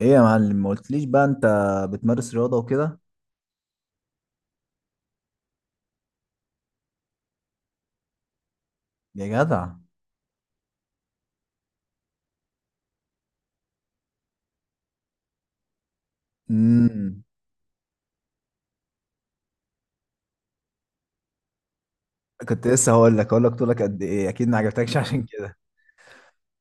ايه يا معلم، ما قلتليش بقى انت بتمارس رياضة وكده؟ يا جدع. امم كنت لسه هقول لك، طولك قد ايه، اكيد ما عجبتكش عشان كده.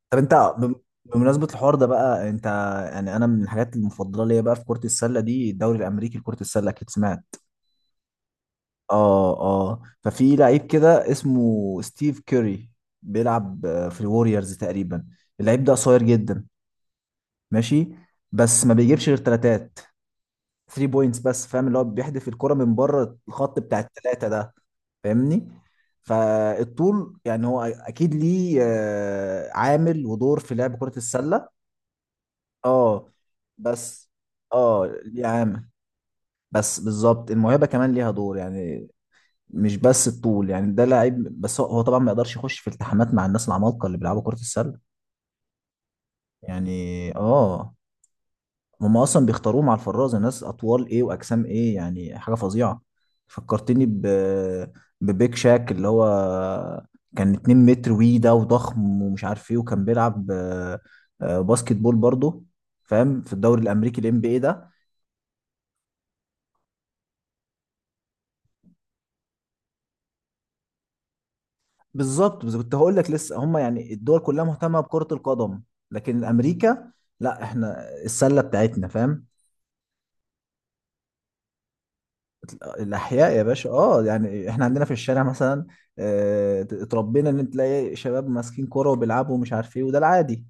طب انت بمناسبة الحوار ده بقى، انت يعني انا من الحاجات المفضلة ليا بقى في كرة السلة دي الدوري الامريكي لكرة السلة، اكيد سمعت. اه، اه، ففي لعيب كده اسمه ستيف كيري، بيلعب في الوريورز تقريبا. اللعيب ده قصير جدا. ماشي. بس ما بيجيبش غير تلاتات، 3 بوينتس بس، فاهم اللي هو بيحدف الكرة من بره الخط بتاع الثلاثة ده. فاهمني؟ فالطول يعني هو اكيد ليه عامل ودور في لعب كرة السلة. اه. بس. اه، ليه عامل. بس بالظبط الموهبة كمان ليها دور، يعني. مش بس الطول، يعني ده لعيب، بس هو طبعا ما يقدرش يخش في التحامات مع الناس العمالقة اللي بيلعبوا كرة السلة. يعني اه. هم اصلا بيختاروهم على الفرازه ناس اطوال ايه واجسام ايه، يعني حاجه فظيعه. فكرتني ببيك شاك، اللي هو كان 2 متر وي ده وضخم ومش عارف ايه، وكان بيلعب باسكت بول برضه. فاهم؟ في الدوري الامريكي الام بي اي ده. بالظبط، بس كنت هقول لك لسه، هم يعني الدول كلها مهتمه بكره القدم. لكن امريكا، لا، احنا السله بتاعتنا، فاهم؟ الاحياء يا باشا، اه، يعني احنا عندنا في الشارع مثلا، اتربينا ان تلاقي شباب ماسكين كوره وبيلعبوا ومش عارف ايه، وده العادي.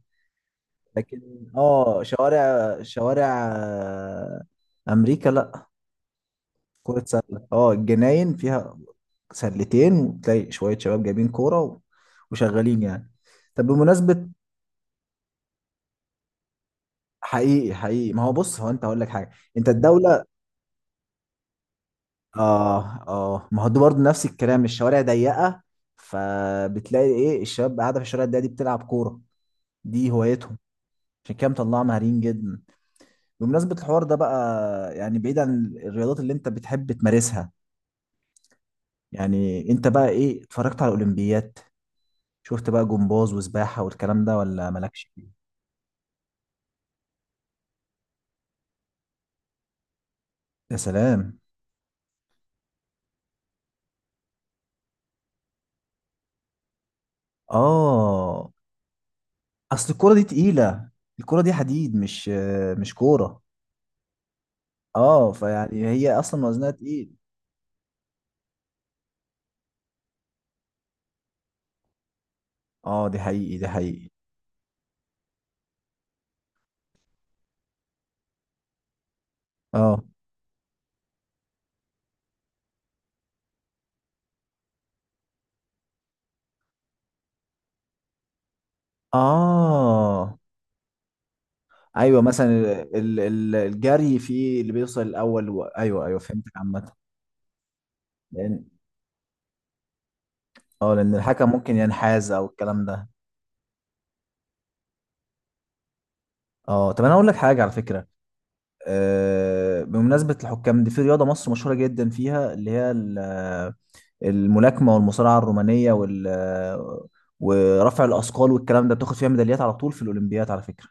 لكن، اه، شوارع شوارع. آه، امريكا لا، كرة سلة، اه، الجناين فيها سلتين، وتلاقي شوية شباب جايبين كورة وشغالين يعني. طب بمناسبة، حقيقي حقيقي، ما هو بص، هو انت هقول لك حاجة. انت الدولة. اه، اه، ما هو ده برضه نفس الكلام، الشوارع ضيقه، فبتلاقي ايه الشباب قاعده في الشوارع الضيقه دي بتلعب كوره، دي هوايتهم. عشان كده مطلعه مهارين جدا. بمناسبه الحوار ده بقى، يعني بعيد عن الرياضات اللي انت بتحب تمارسها، يعني انت بقى ايه، اتفرجت على الاولمبيات؟ شفت بقى جمباز وسباحه والكلام ده، ولا مالكش فيه؟ يا سلام. اه، اصل الكوره دي تقيله، الكوره دي حديد، مش كوره. اه، فيعني هي اصلا وزنها تقيل. اه، دي حقيقي دي حقيقي. اه، اه، ايوه مثلا الجري فيه اللي بيوصل الاول ايوه، ايوه، فهمت عامه. لان، اه، لان الحكم ممكن ينحاز او الكلام ده. اه، طب انا اقول لك حاجه على فكره. بمناسبه الحكام دي، في رياضه مصر مشهوره جدا فيها، اللي هي الملاكمه والمصارعه الرومانيه ورفع الاثقال والكلام ده، بتاخد فيها ميداليات على طول في الاولمبياد على فكره.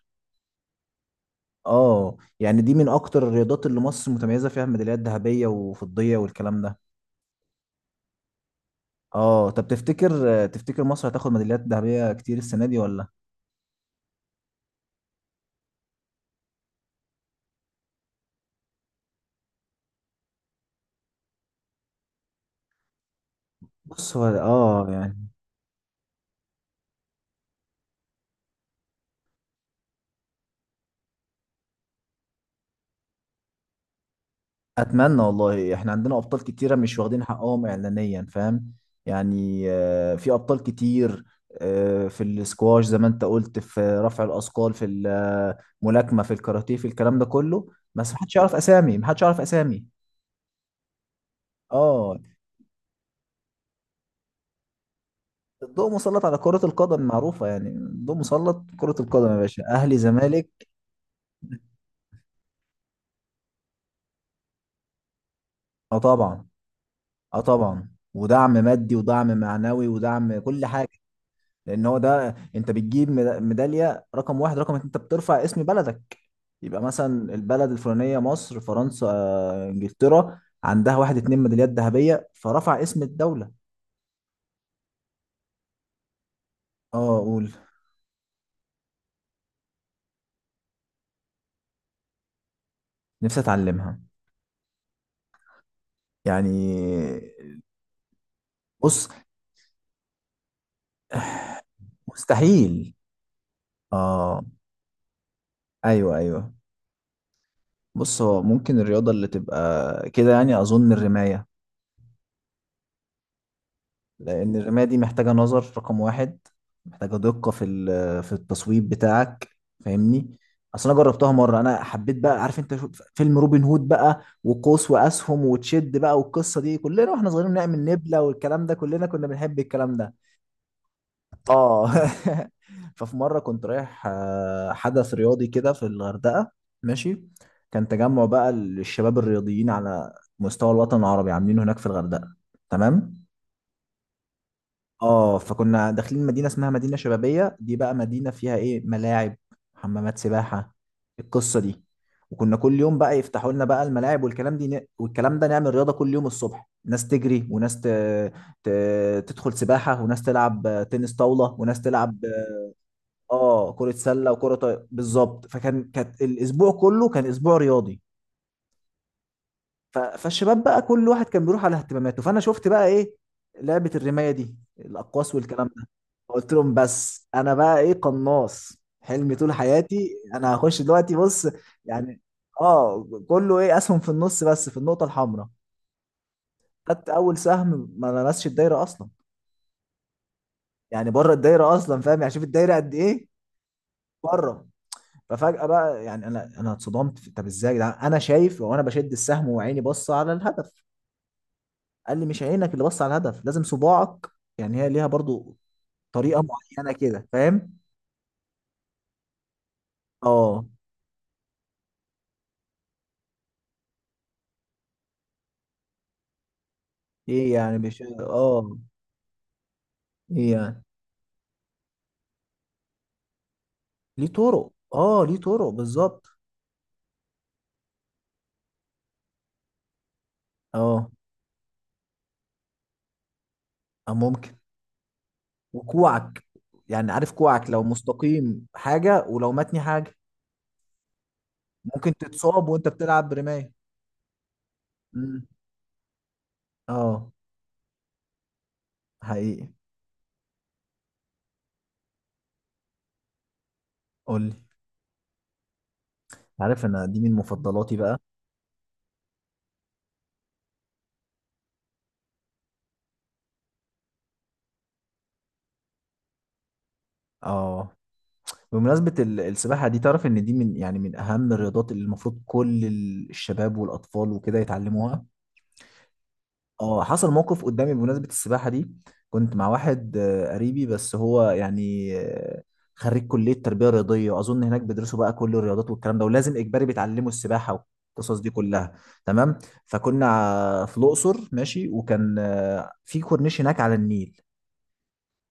اه، يعني دي من اكتر الرياضات اللي مصر متميزه فيها بميداليات ذهبيه وفضيه والكلام ده. اه، طب تفتكر، مصر هتاخد ميداليات ذهبية كتير السنة دي، ولا؟ بص، هو اه يعني، اتمنى والله، احنا عندنا ابطال كتيره مش واخدين حقهم اعلانيا، فاهم؟ يعني في ابطال كتير، في السكواش زي ما انت قلت، في رفع الاثقال، في الملاكمه، في الكاراتيه، في الكلام ده كله. بس محدش يعرف اسامي، محدش يعرف اسامي. اه، الضوء مسلط على كره القدم معروفه، يعني الضوء مسلط كره القدم يا باشا، اهلي زمالك. اه طبعا، اه طبعا، ودعم مادي ودعم معنوي ودعم كل حاجه. لان هو ده، انت بتجيب ميداليه رقم واحد رقم اتنين، انت بترفع اسم بلدك. يبقى مثلا البلد الفلانيه، مصر، فرنسا، انجلترا، عندها واحد اتنين ميداليات ذهبيه، فرفع اسم الدوله. اه، اقول. نفسي اتعلمها. يعني. بص. مستحيل. اه، ايوه، ايوه. بص، هو ممكن الرياضه اللي تبقى كده، يعني اظن الرمايه. لأن الرماية دي محتاجة نظر رقم واحد، محتاجة دقة في التصويب بتاعك. فاهمني؟ أصل أنا جربتها مرة، أنا حبيت بقى، عارف أنت فيلم روبن هود بقى، وقوس وأسهم وتشد بقى، والقصة دي كلنا وإحنا صغيرين نعمل نبلة والكلام ده، كلنا كنا بنحب الكلام ده. آه ففي مرة كنت رايح حدث رياضي كده في الغردقة. ماشي، كان تجمع بقى للشباب الرياضيين على مستوى الوطن العربي، عاملينه هناك في الغردقة. تمام. اه، فكنا داخلين مدينة اسمها مدينة شبابية، دي بقى مدينة فيها ايه، ملاعب، حمامات سباحة، القصة دي. وكنا كل يوم بقى يفتحوا لنا بقى الملاعب والكلام دي والكلام ده، نعمل رياضة كل يوم الصبح، ناس تجري وناس ت... تدخل سباحة، وناس تلعب تنس طاولة، وناس تلعب اه كرة سلة وكرة بالظبط. كانت الاسبوع كله كان اسبوع رياضي. فالشباب بقى كل واحد كان بيروح على اهتماماته، فانا شفت بقى ايه، لعبة الرماية دي، الاقواس والكلام. قلت لهم، بس انا بقى ايه، قناص حلمي طول حياتي، انا هخش دلوقتي، بص. يعني، اه، كله ايه، اسهم في النص بس في النقطه الحمراء. خدت اول سهم، ما لمسش الدايره اصلا، يعني بره الدايره اصلا، فاهم؟ يعني شوف الدايره قد ايه. بره. ففجاه بقى، يعني انا اتصدمت طب ازاي يا جدعان، انا شايف وانا بشد السهم وعيني بص على الهدف. قال لي: مش عينك اللي بص على الهدف، لازم صباعك. يعني هي ليها برضو طريقه معينه كده، فاهم؟ اه، ايه يعني، مش اه، ايه يعني، ليه طرق، اه، ليه طرق بالظبط. اه، ممكن. وكوعك، يعني عارف، كوعك لو مستقيم حاجة ولو متني حاجة. ممكن تتصاب وانت بتلعب برماية. مم. اه، حقيقي. قولي. عارف، انا دي من مفضلاتي بقى. اه، بمناسبة السباحة دي، تعرف ان دي من، يعني من اهم الرياضات اللي المفروض كل الشباب والاطفال وكده يتعلموها. اه، حصل موقف قدامي بمناسبة السباحة دي. كنت مع واحد قريبي، بس هو يعني خريج كلية تربية رياضية، وأظن هناك بيدرسوا بقى كل الرياضات والكلام ده، ولازم إجباري بيتعلموا السباحة والقصص دي كلها. تمام. فكنا في الأقصر ماشي، وكان في كورنيش هناك على النيل.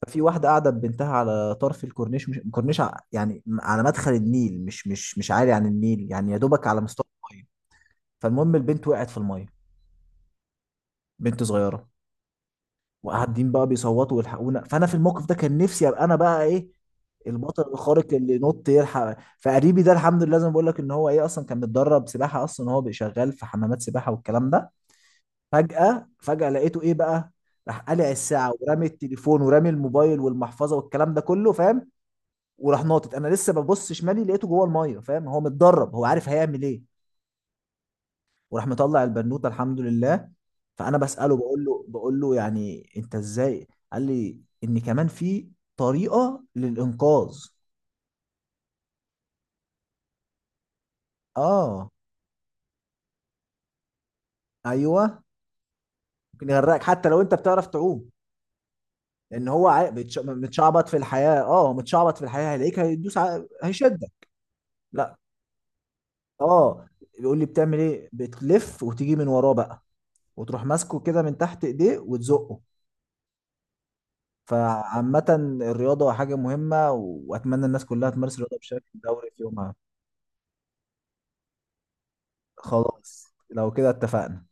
ففي واحدة قاعدة ببنتها على طرف الكورنيش، مش كورنيش، يعني على مدخل النيل، مش عالي عن النيل، يعني يا دوبك على مستوى المية. فالمهم، البنت وقعت في المية، بنت صغيرة. وقاعدين بقى بيصوتوا ويلحقونا، فانا في الموقف ده كان نفسي ابقى انا بقى ايه، البطل الخارق اللي نط يلحق. فقريبي ده الحمد لله، زي ما بقول لك، ان هو ايه، اصلا كان متدرب سباحه، اصلا هو بقى شغال في حمامات سباحه والكلام ده. فجاه فجاه، لقيته ايه بقى، راح قلع الساعه، ورامي التليفون ورامي الموبايل والمحفظه والكلام ده كله، فاهم؟ وراح ناطط، انا لسه ببص شمالي لقيته جوه الميه، فاهم؟ هو متدرب، هو عارف هيعمل ايه. وراح مطلع البنوته، الحمد لله. فانا بساله، بقول له يعني انت ازاي. قال لي ان كمان في طريقه للانقاذ. اه، ايوه، ممكن يغرقك حتى لو انت بتعرف تعوم. لان هو متشعبط في الحياه، اه، متشعبط في الحياه، هيلاقيك، هيدوس هيشدك. لا، اه، بيقول لي: بتعمل ايه، بتلف وتيجي من وراه بقى، وتروح ماسكه كده من تحت ايديه وتزقه. فعامة، الرياضة حاجة مهمة، وأتمنى الناس كلها تمارس الرياضة بشكل دوري في يومها. خلاص، لو كده اتفقنا.